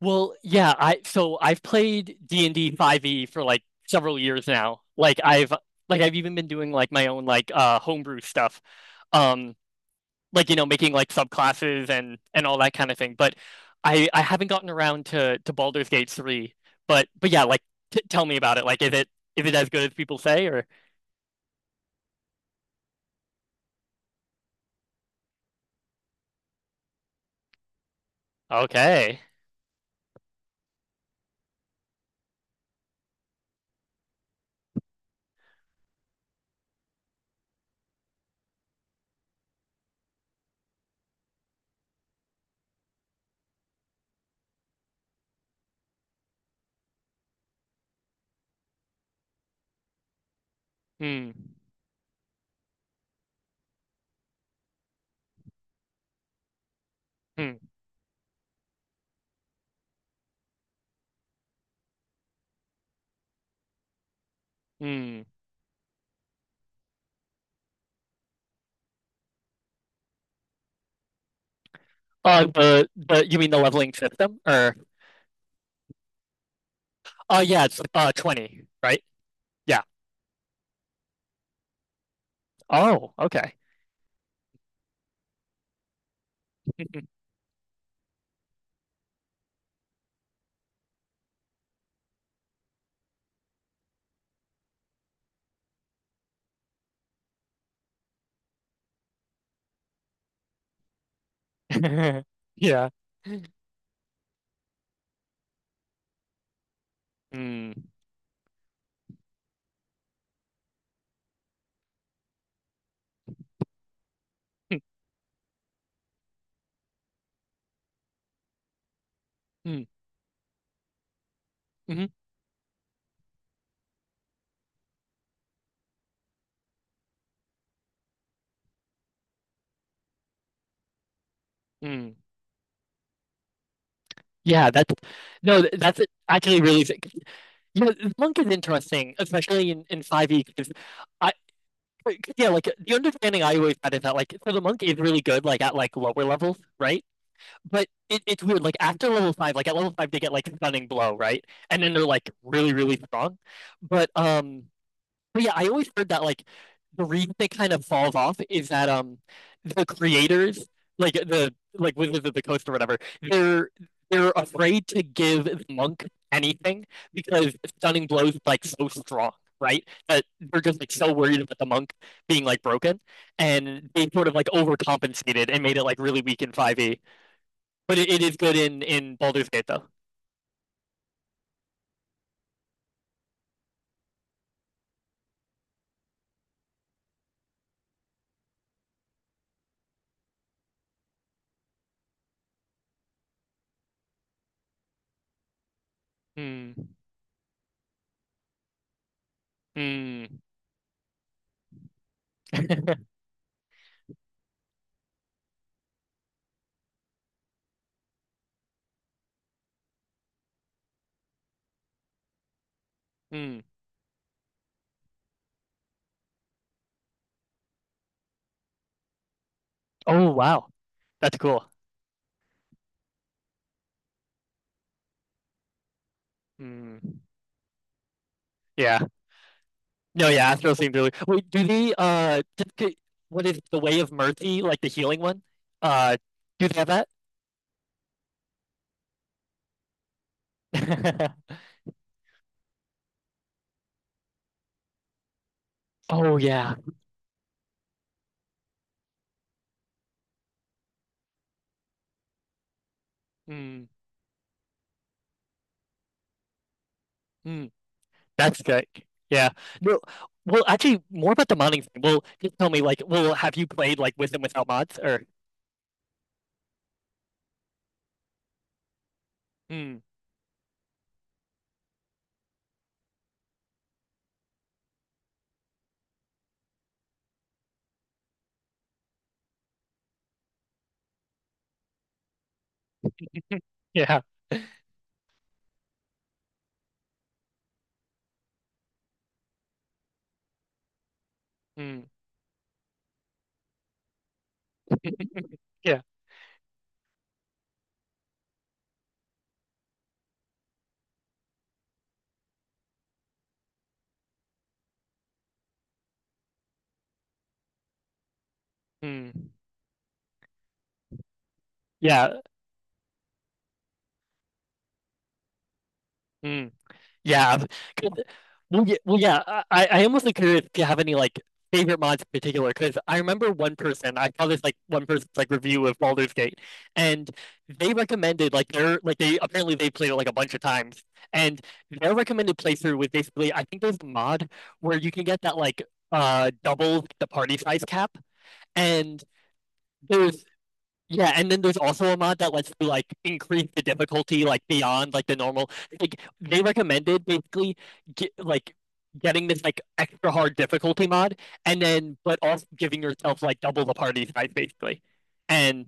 Well, yeah, I so I've played D&D 5e for like several years now. Like I've even been doing like my own like homebrew stuff. Um like, making like subclasses and all that kind of thing. But I haven't gotten around to Baldur's Gate 3. But yeah, like, t tell me about it. Like, is it as good as people say, or okay. Hmm. Hmm. Hmm. The you mean the leveling system, or oh yeah, it's 20, right? Yeah. Oh, okay. Yeah. Mm. Mm. Mm. Mhm. Mm. Yeah, that's no, that's actually really sick. Yeah, the monk is interesting, especially in 5e, because I 'cause, yeah, like, the understanding I always had is that, like, so the monk is really good, like, at, like, lower levels, right? But it's weird, like, after level 5. Like, at level 5 they get like stunning blow, right? And then they're like really really strong. But But yeah, I always heard that, like, the reason they kind of falls off is that the creators, like the, like, Wizards of the Coast or whatever, they're afraid to give the monk anything because stunning blows like so strong, right? That they're just like so worried about the monk being like broken, and they sort of like overcompensated and made it like really weak in 5e. But it is good in Baldur's Gate though. Hmm. Hmm. Hmm. Oh wow, that's cool. Hmm. Yeah. No. Yeah. Astral seems really cool. Wait. Do they? What is it, the Way of Mercy? Like, the healing one? Uh. Do they have that? Oh yeah. Mm, mm. That's good. Yeah. Well, well, actually, more about the modding thing. Well, just tell me, like, well, have you played, like, with and without mods, or mm, yeah, mm, yeah, mm, yeah. Mm. Yeah. 'cause- Well, yeah, well, yeah. I almost like curious if you have any like favorite mods in particular, because I remember one person, I saw this, like, one person's like review of Baldur's Gate, and they recommended like their, like, they apparently they played it like a bunch of times, and their recommended playthrough was basically I think there's a mod where you can get that, like, double the party size cap, and there's yeah, and then there's also a mod that lets you like increase the difficulty like beyond like the normal. Like, they recommended basically like getting this like extra hard difficulty mod, and then but also giving yourself like double the party size basically. And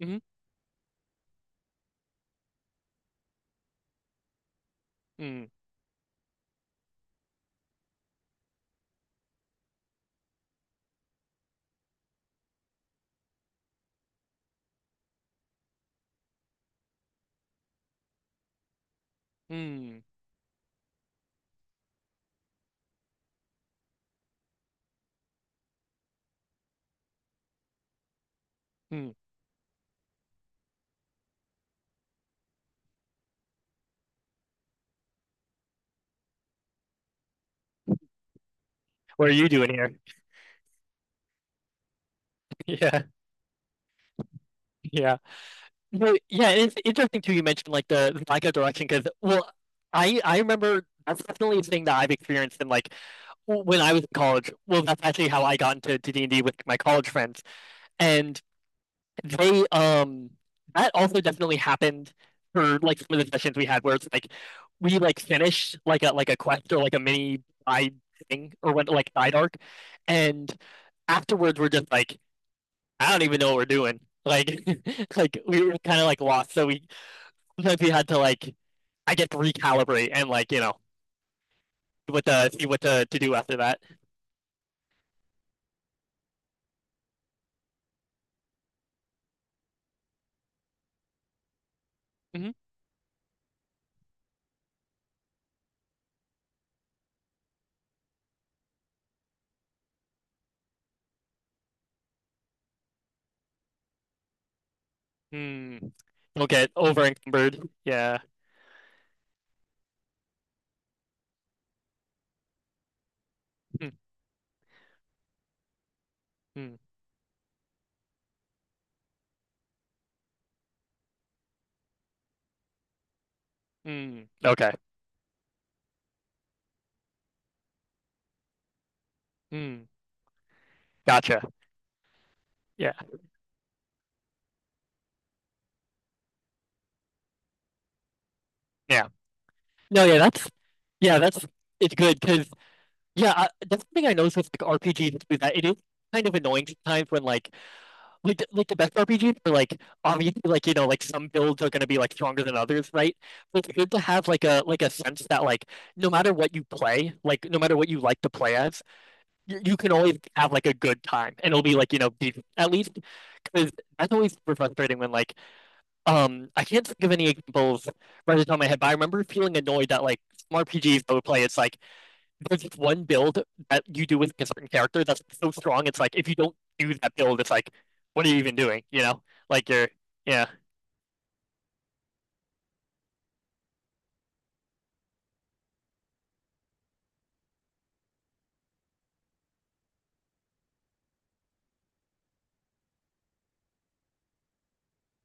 mm, mm, mm, mm. What are you doing here? Yeah, yeah, no, yeah. It's interesting too. You mentioned like the lack of direction because, well, I remember that's definitely a thing that I've experienced in, like, when I was in college. Well, that's actually how I got into D&D with my college friends, and they that also definitely happened for like some of the sessions we had where it's like we like finished like a quest, or like a mini side thing, or went like side arc, and afterwards we're just like I don't even know what we're doing. Like, like we were kind of like lost, so we sometimes we had to like, I guess, recalibrate and like, what to see what to do after that. Mhm. Hmm. You'll get over encumbered. Yeah. Mm, mm, mm. Okay. Mm. Gotcha. Yeah. Yeah. No, yeah, that's it's good because, yeah, I, that's something I noticed with like RPGs too, that it is kind of annoying sometimes when like the best RPGs are, like, obviously, like, you know, like some builds are gonna be like stronger than others, right? But it's good to have, like, a sense that, like, no matter what you play, like, no matter what you like to play as, you can always have like a good time, and it'll be like, at least, because that's always super frustrating when, like, I can't think of any examples right off the top of my head. But I remember feeling annoyed that, like, some RPGs I would play, it's like, there's just one build that you do with a certain character that's so strong, it's like, if you don't do that build, it's like, what are you even doing, you know? Like, you're yeah.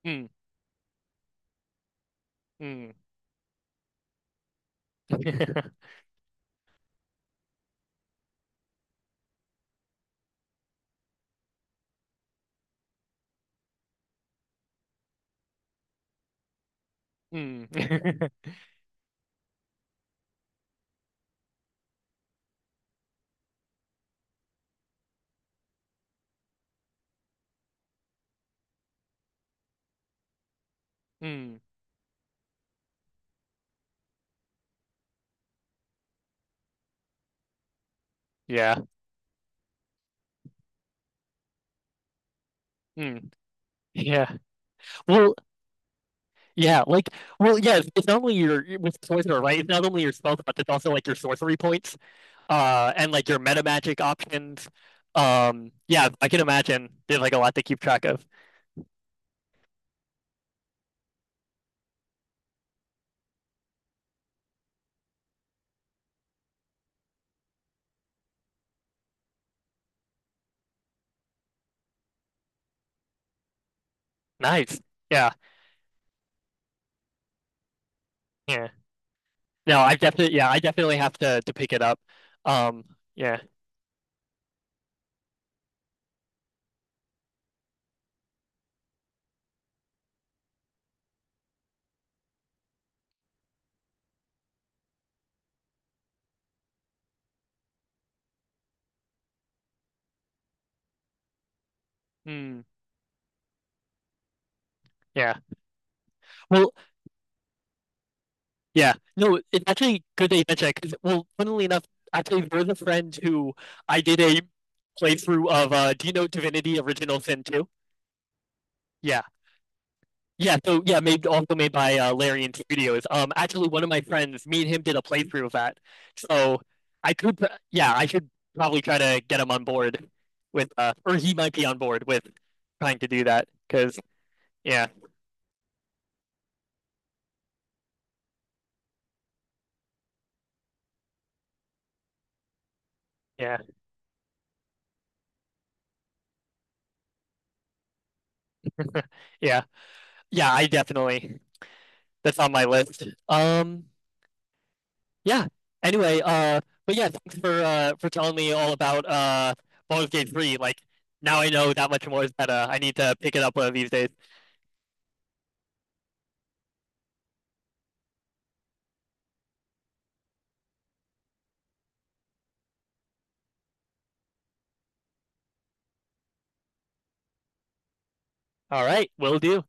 Mm, mm. Mm, mm, yeah, mm, yeah. Well, yeah, like, well, yeah, it's not only your with Poisoner, right? It's not only your spells, but it's also like your sorcery points, and like your meta magic options. Yeah, I can imagine there's like a lot to keep track of. Nice. Yeah, yeah. No, I definitely, yeah, I definitely have to pick it up. Um, yeah. Hmm. Yeah. Well, yeah. No, it's actually good that you mentioned that, 'cause, well, funnily enough, actually, there's a friend who I did a playthrough of, do you know Divinity Original Sin 2? Yeah. Yeah, so yeah, made also made by Larian Studios. Actually, one of my friends, me and him, did a playthrough of that. So I could, yeah, I should probably try to get him on board with, or he might be on board with trying to do that. Because yeah, yeah, yeah, yeah, I definitely, that's on my list. Yeah. Anyway, but yeah, thanks for telling me all about Baldur's Gate 3. Like, now I know that much more is better. I need to pick it up one of these days. All right, will do.